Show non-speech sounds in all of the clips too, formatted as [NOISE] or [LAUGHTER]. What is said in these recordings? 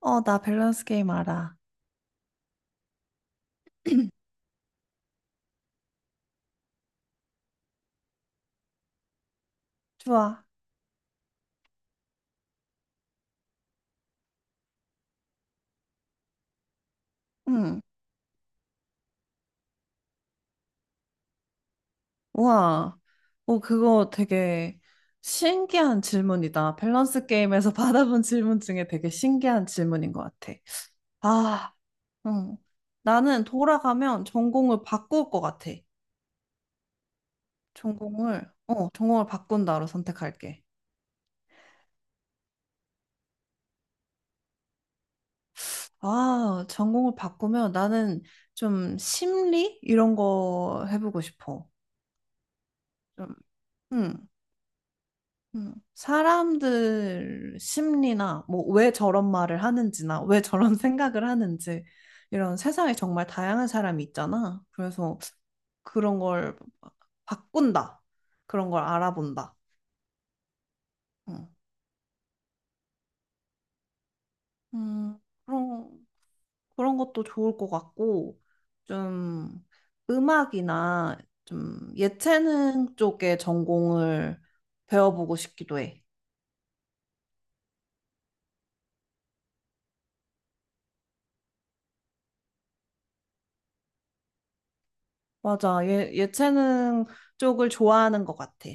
어, 나 밸런스 게임 알아. [CLEARS THROAT] 좋아. 응. 우와. 어, 그거 되게 신기한 질문이다. 밸런스 게임에서 [LAUGHS] 받아본 질문 중에 되게 신기한 질문인 것 같아. 아, 응. 나는 돌아가면 전공을 바꿀 것 같아. 전공을, 어, 전공을 바꾼다로 선택할게. 아, 전공을 바꾸면 나는 좀 심리? 이런 거 해보고 싶어. 좀, 응. 사람들 심리나 뭐 왜 저런 말을 하는지나 왜 저런 [LAUGHS] 생각을 하는지 이런 세상에 정말 다양한 사람이 있잖아. 그래서 그런 걸 바꾼다. 그런 걸 알아본다. 음, 음, 그런, 그런 것도 좋을 것 같고 좀 음악이나 좀 예체능 쪽에 전공을 배워보고 싶기도 해. 맞아. 예, 예체능 쪽을 좋아하는 것 같아.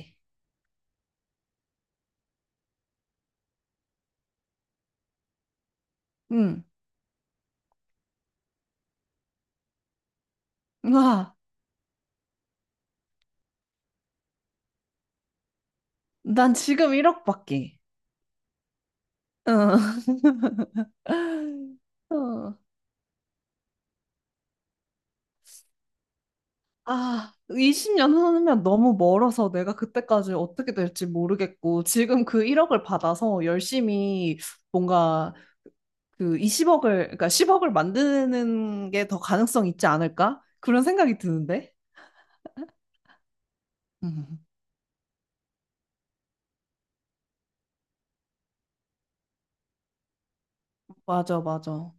응. 와, 난 지금 1억밖에. 응. [LAUGHS] 어. 아, 20년 후면 너무 멀어서 내가 그때까지 어떻게 될지 모르겠고, 지금 그 1억을 받아서 열심히 뭔가 그 20억을, 그러니까 10억을 만드는 게 더 가능성 있지 않을까? 그런 생각이 드는데. 음. 맞아, 맞아.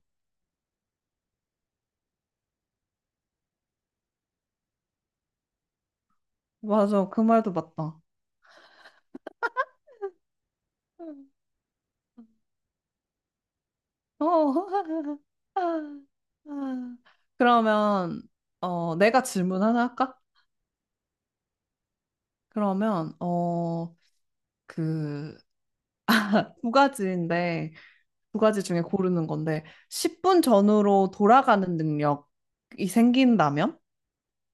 맞아. 그 말도 맞다. 음. 어. [LAUGHS] 아, 아. 그러면, 어, 내가 질문 하나 할까? 그러면 어, 그 두 가지인데 두 가지 중에 고르는 건데 10분 전으로 돌아가는 능력이 생긴다면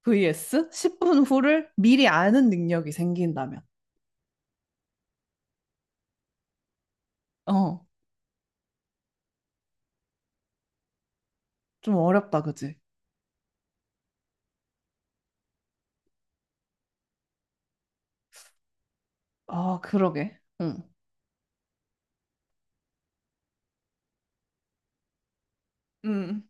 vs 10분 후를 미리 아는 능력이 생긴다면 어, 좀 어렵다, 그지? 아, 그러게. 응. 응.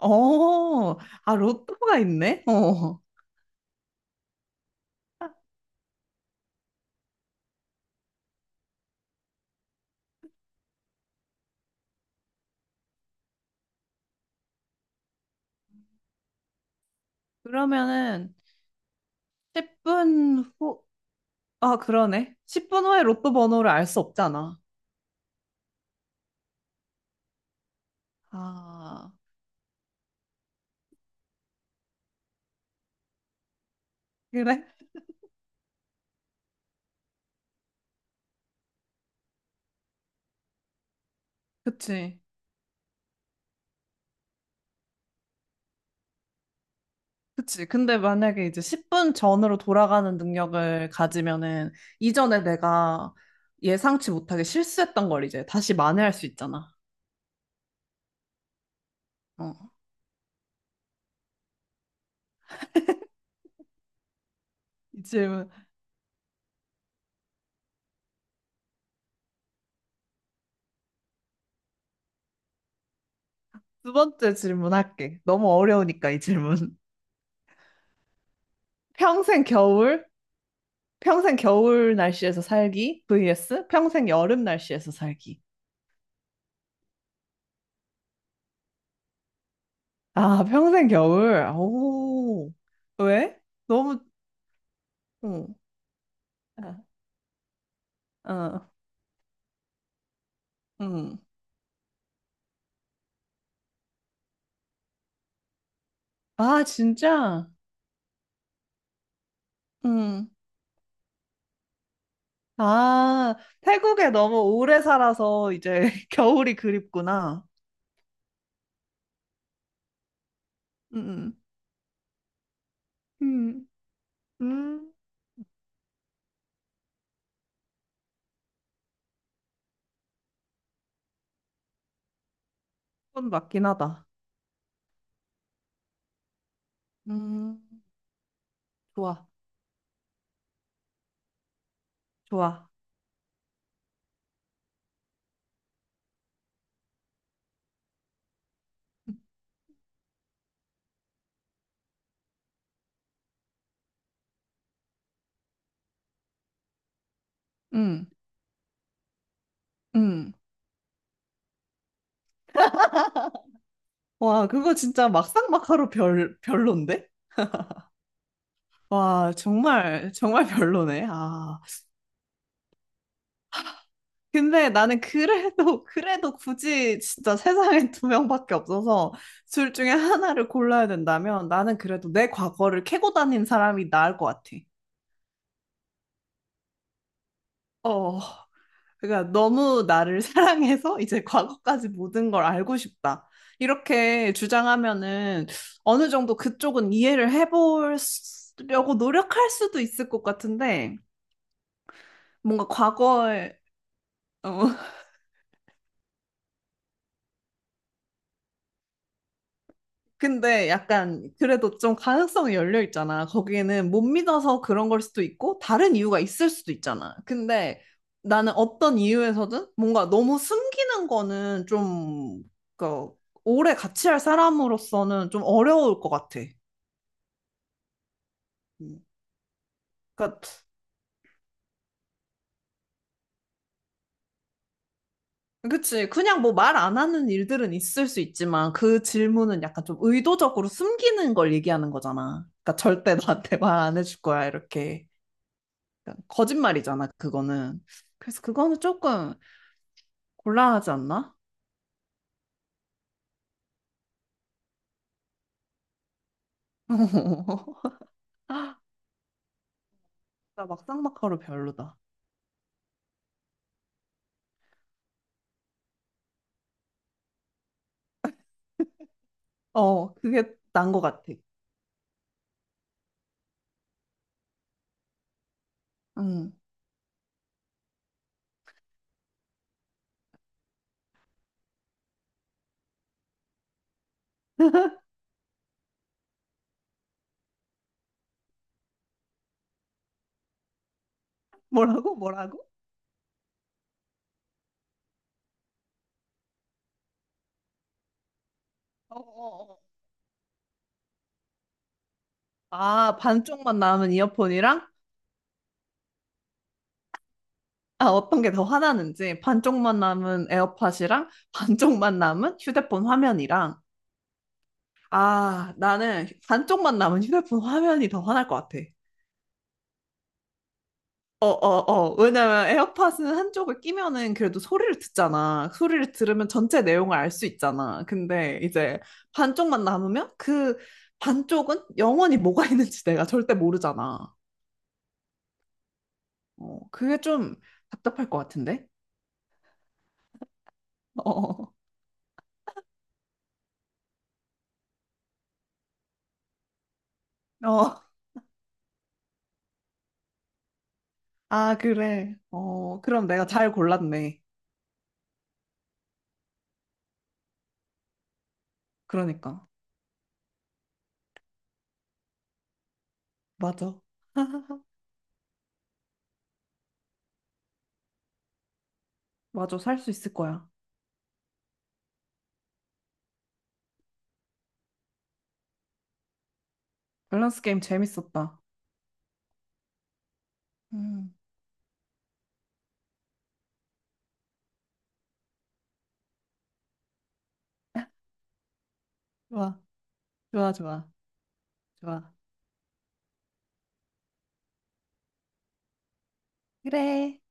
어, 아, 로또가 있네? 어. 그러면은 10분 후, 아, 그러네. 10분 후에 로또 번호를 알 수 없잖아. 아, 그래? 그치. 그치. 근데 만약에 이제 10분 전으로 돌아가는 능력을 가지면은 이전에 내가 예상치 못하게 실수했던 걸 이제 다시 만회할 수 있잖아. 어. 이 질문. 두 번째 질문 할게. 너무 어려우니까 이 질문. [LAUGHS] 평생 겨울? 평생 겨울 날씨에서 살기? vs 평생 여름 날씨에서 살기. 아, 평생 겨울. 오. 왜? 너무, 어, 아, 어, 음. 아, 진짜? 응. 아, 태국에 너무 오래 살아서 이제 [LAUGHS] 겨울이 그립구나. 음, 음, 음, 그건 맞긴 하다. 음, 좋아, 좋아. 음, 음. 와, 그거 진짜 막상 막하로 별론데? 와, 정말, 정말 별로네. 아. 근데 나는 그래도, 그래도 굳이 진짜 세상에 [LAUGHS] 두 명밖에 없어서 둘 중에 하나를 골라야 된다면 나는 그래도 내 과거를 캐고 다닌 사람이 나을 것 같아. 어, 그러니까 너무 나를 [LAUGHS] 사랑해서 이제 과거까지 모든 걸 알고 싶다. 이렇게 주장하면은 어느 정도 그쪽은 이해를 해보려고 노력할 수도 있을 것 같은데 뭔가 과거에 어, 근데 약간 그래도 좀 가능성이 열려 있잖아. 거기에는 못 믿어서 그런 걸 수도 있고 다른 이유가 있을 수도 있잖아. 근데 나는 어떤 이유에서든 뭔가 너무 숨기는 거는 좀 그, 오래 같이 할 사람으로서는 좀 어려울 것 같아. 음. 그러니까 그치. 그냥 뭐 말 안 하는 일들은 있을 수 있지만 그 질문은 약간 좀 의도적으로 숨기는 걸 얘기하는 거잖아. 그러니까 절대 나한테 말 안 해줄 거야 이렇게. 그러니까 거짓말이잖아, 그거는. 그래서 그거는 조금 곤란하지 않나? [LAUGHS] 나 막상 막하로 별로다. 어, 그게 난 것 같아. 응. [LAUGHS] 뭐라고? 뭐라고? 어, 어, 어. 아, 반쪽만 남은 이어폰이랑 아, 어떤 게 더 화나는지 반쪽만 남은 에어팟이랑 반쪽만 남은 휴대폰 화면이랑. 아, 나는 반쪽만 남은 휴대폰 화면이 더 화날 것 같아. 어, 어, 어. 왜냐면 에어팟은 한쪽을 끼면은 그래도 소리를 듣잖아. 소리를 들으면 전체 내용을 알 수 있잖아. 근데 이제 반쪽만 남으면 그 반쪽은 영원히 뭐가 [LAUGHS] 있는지 내가 절대 모르잖아. 어, 그게 좀 답답할 것 같은데? [LAUGHS] 어, 어. 어. 아, 그래. 어, 그럼 내가 잘 골랐네. 그러니까. 맞아. [LAUGHS] 맞아. 살 수 있을 거야. 밸런스 게임 재밌었다. 음, 좋아, 좋아, 좋아, 좋아. 그래.